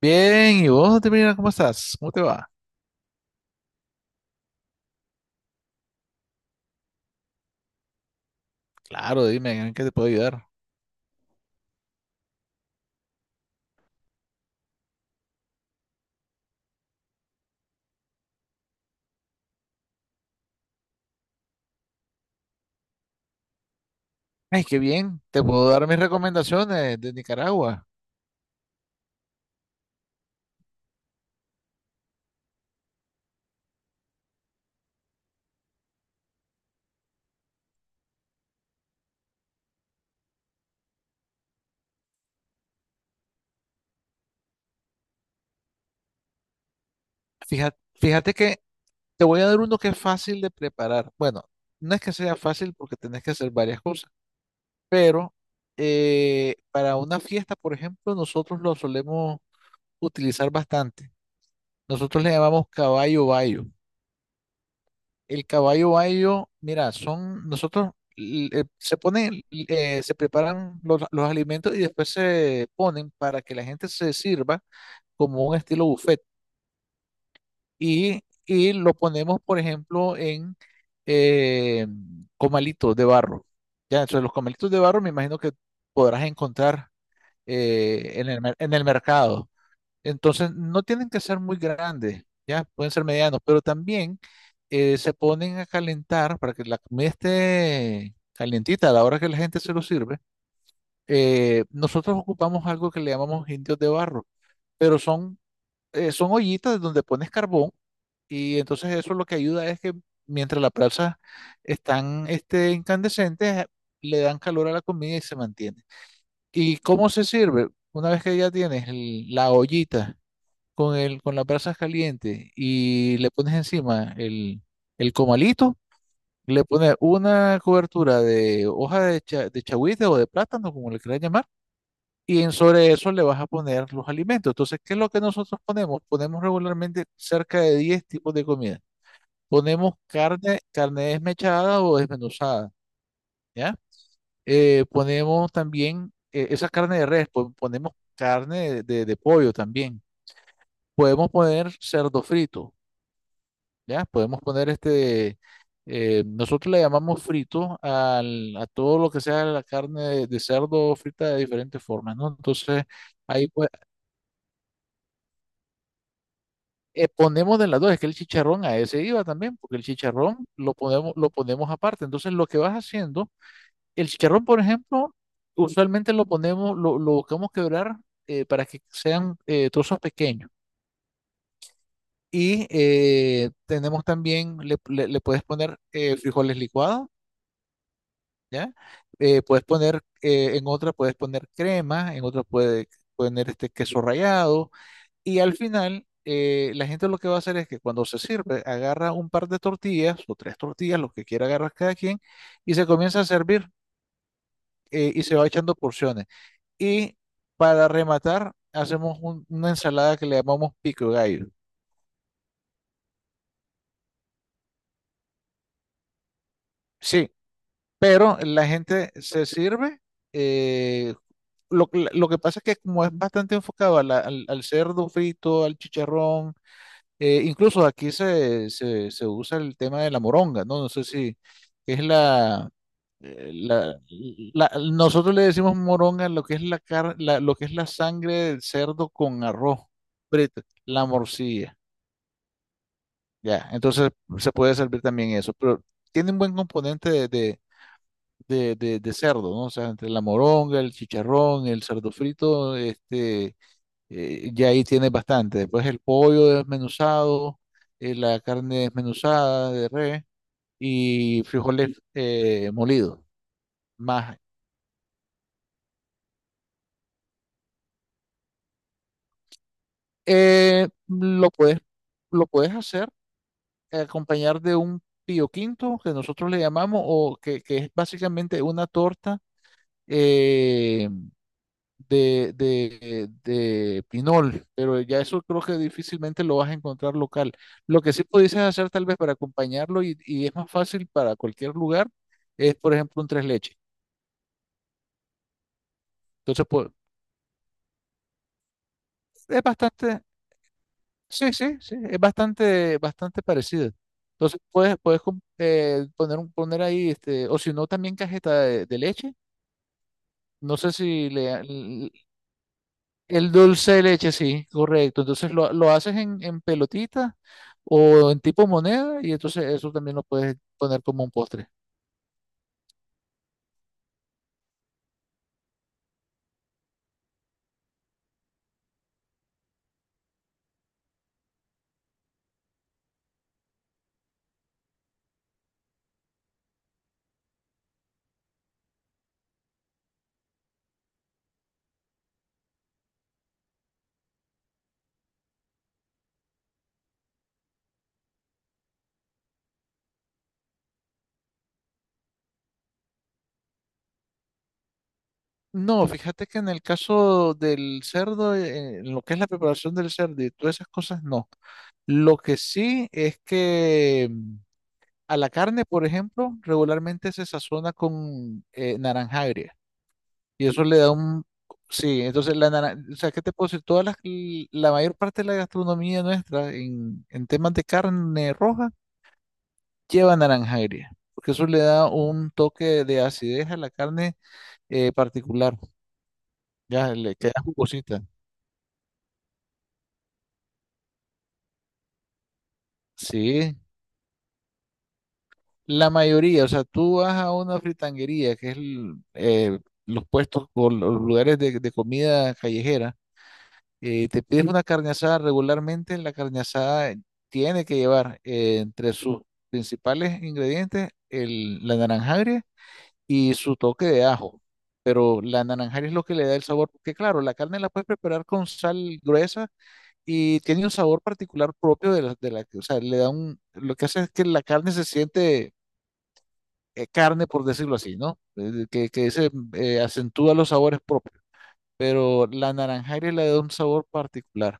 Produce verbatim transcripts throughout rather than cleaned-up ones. Bien, ¿y vos, Termina, cómo estás? ¿Cómo te va? Claro, dime, ¿en qué te puedo ayudar? Ay, qué bien, te puedo dar mis recomendaciones de Nicaragua. Fíjate, fíjate que te voy a dar uno que es fácil de preparar. Bueno, no es que sea fácil porque tenés que hacer varias cosas, pero eh, para una fiesta, por ejemplo, nosotros lo solemos utilizar bastante. Nosotros le llamamos caballo bayo. El caballo bayo, mira, son nosotros, l- eh, se ponen, eh, se preparan los, los alimentos y después se ponen para que la gente se sirva como un estilo buffet. Y, y lo ponemos, por ejemplo, en eh, comalitos de barro. Ya, entonces los comalitos de barro me imagino que podrás encontrar eh, en el, mer- en el mercado. Entonces, no tienen que ser muy grandes, ya pueden ser medianos, pero también eh, se ponen a calentar para que la comida esté calientita a la hora que la gente se lo sirve. Eh, nosotros ocupamos algo que le llamamos indios de barro, pero son, eh, son ollitas donde pones carbón y entonces eso lo que ayuda es que mientras las brasas están este, incandescentes, le dan calor a la comida y se mantiene. ¿Y cómo se sirve? Una vez que ya tienes el- la ollita con el, con las brasas calientes y le pones encima el, el comalito, le pones una cobertura de hoja de, cha- de chagüite o de plátano, como le quieras llamar, y en sobre eso le vas a poner los alimentos. Entonces, ¿qué es lo que nosotros ponemos? Ponemos regularmente cerca de diez tipos de comida. Ponemos carne, carne desmechada o desmenuzada, ¿ya? Eh, ponemos también eh, esa carne de res, pon- ponemos carne de de- de pollo también. Podemos poner cerdo frito, ¿ya? Podemos poner este, eh, nosotros le llamamos frito al, a todo lo que sea la carne de, de cerdo frita de diferentes formas, ¿no? Entonces, ahí pues, eh, ponemos de las dos, es que el chicharrón a ese iba también, porque el chicharrón lo ponemos, lo ponemos aparte. Entonces, lo que vas haciendo, el chicharrón, por ejemplo, usualmente lo ponemos, lo, lo buscamos quebrar, eh, para que sean eh, trozos pequeños. Y eh, tenemos también, le, le- le puedes poner eh, frijoles licuados, ¿ya? Eh, puedes poner, eh, en otra puedes poner crema, en otra puedes poner este queso rallado y al final eh, la gente lo que va a hacer es que cuando se sirve agarra un par de tortillas o tres tortillas, lo que quiera agarrar cada quien y se comienza a servir, eh, y se va echando porciones. Y para rematar hacemos un- una ensalada que le llamamos pico de gallo. Sí, pero la gente se sirve. eh, lo, lo que pasa es que como es bastante enfocado a la- al, al cerdo frito, al chicharrón, eh, incluso aquí se, se, se usa el tema de la moronga, ¿no? No sé si es la, eh, la, la- nosotros le decimos moronga a lo que es la car- la- lo que es la sangre del cerdo con arroz frito, la morcilla, ya. Entonces se puede servir también eso, pero tiene un buen componente de, de- de, de- de cerdo, ¿no? O sea, entre la moronga, el chicharrón, el cerdo frito, este, eh, ya ahí tienes bastante. Después el pollo desmenuzado, eh, la carne desmenuzada de res y frijoles eh, molidos. Más, eh, lo puedes, lo puedes hacer, eh, acompañar de un pío quinto que nosotros le llamamos o que, que es básicamente una torta, eh, de, de, de pinol, pero ya eso creo que difícilmente lo vas a encontrar local. Lo que sí pudieses hacer tal vez para acompañarlo, y, y es más fácil para cualquier lugar es, por ejemplo, un tres leches. Entonces, pues, es bastante, sí, sí, sí, es bastante, bastante parecido. Entonces, puedes, puedes com- eh, poner, un, poner ahí, este, o si no, también cajeta de, de leche. No sé si le. El dulce de leche, sí, correcto. Entonces lo, lo haces en, en pelotita o en tipo moneda y entonces eso también lo puedes poner como un postre. No, fíjate que en el caso del cerdo, eh, en lo que es la preparación del cerdo y todas esas cosas, no. Lo que sí es que, mm, a la carne, por ejemplo, regularmente se sazona con, eh, naranja agria. Y eso le da un. Sí, entonces la naranja, o sea, ¿qué te puedo decir? Todas las, la mayor parte de la gastronomía nuestra en, en temas de carne roja lleva naranja agria, porque eso le da un toque de acidez a la carne, eh, particular, ya le queda jugosita. Sí, la mayoría, o sea, tú vas a una fritanguería, que es el, eh, los puestos o los lugares de, de comida callejera, eh, te pides una carne asada regularmente, la carne asada tiene que llevar, eh, entre sus principales ingredientes el, la naranja agria y su toque de ajo. Pero la naranja agria es lo que le da el sabor, porque claro, la carne la puedes preparar con sal gruesa y tiene un sabor particular propio de la, de la, o sea, le da un, lo que hace es que la carne se siente, eh, carne, por decirlo así, ¿no? Eh, Que, que se eh, acentúa los sabores propios, pero la naranja agria le da un sabor particular.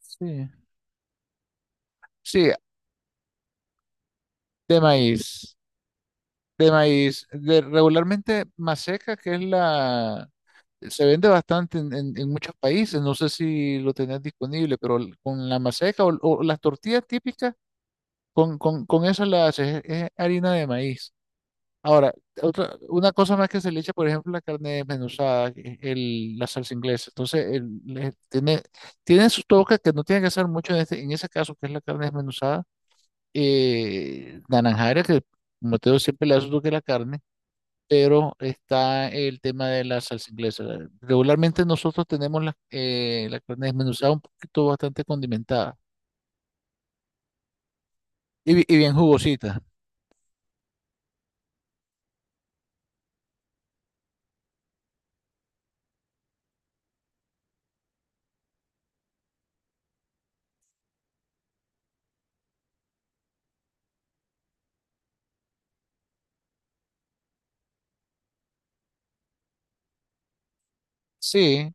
Sí. Sí, de maíz, de maíz, de regularmente maseca, que es la, se vende bastante en, en- en muchos países, no sé si lo tenés disponible, pero l- con la maseca o, o las tortillas típicas, con, con, con eso la haces, es harina de maíz. Ahora, otra, una cosa más que se le echa, por ejemplo, la carne desmenuzada, que es el, la salsa inglesa. Entonces, el- le- tiene, tiene su toque que no tiene que hacer mucho en, este, en ese caso, que es la carne desmenuzada, eh, la naranjara, que como te digo, siempre le asocio que la carne, pero está el tema de la salsa inglesa. Regularmente nosotros tenemos la, eh, la carne desmenuzada un poquito bastante condimentada y, bi- y bien jugosita. Sí,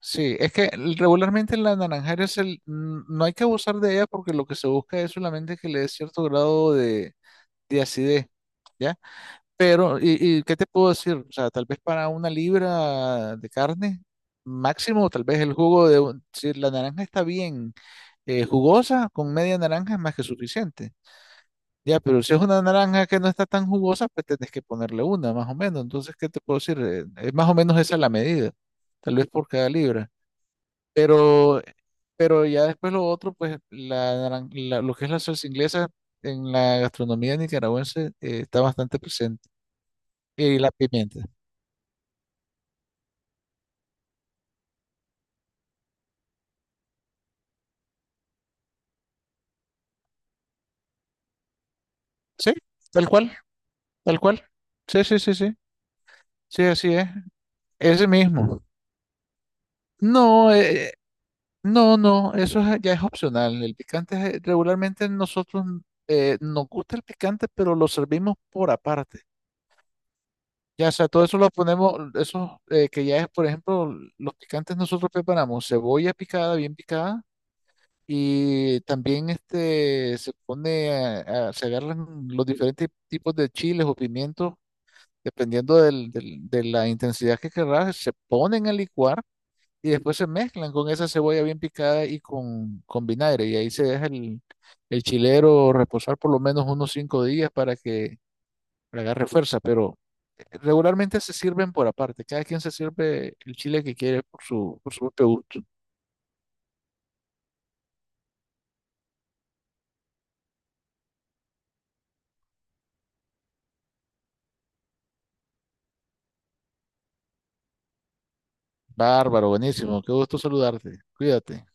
sí, es que regularmente la naranjera es el, n- no hay que abusar de ella porque lo que se busca es solamente que le dé cierto grado de, de acidez, ¿ya? Pero, y, y qué te puedo decir? O sea, tal vez para una libra de carne máximo, tal vez el jugo de, un- si la naranja está bien, eh, jugosa, con media naranja es más que suficiente. Ya, pero si es una naranja que no está tan jugosa, pues tenés que ponerle una, más o menos. Entonces, ¿qué te puedo decir? Eh, Es más o menos esa la medida, tal vez por cada libra. Pero, pero ya después lo otro, pues la, naran- la- lo que es la salsa inglesa en la gastronomía nicaragüense, eh, está bastante presente. Y la pimienta. Sí, tal cual, tal cual. Sí, sí, sí, sí. Sí, así es. Ese mismo. No, eh, no, no, eso es- ya es opcional. El picante es- eh, regularmente nosotros, eh, nos gusta el picante, pero lo servimos por aparte. Ya, o sea, todo eso lo ponemos, eso, eh, que ya es, por ejemplo, los picantes nosotros preparamos cebolla picada, bien picada, y también este se pone, a- a- se agarran los diferentes tipos de chiles o pimientos dependiendo del- del- de la intensidad que querrás, se ponen a licuar y después se mezclan con esa cebolla bien picada y con, con vinagre. Y ahí se deja el, el chilero reposar por lo menos unos cinco días para que agarre fuerza. Pero regularmente se sirven por aparte. Cada quien se sirve el chile que quiere por su, por su propio gusto. Bárbaro, buenísimo. Qué gusto saludarte. Cuídate.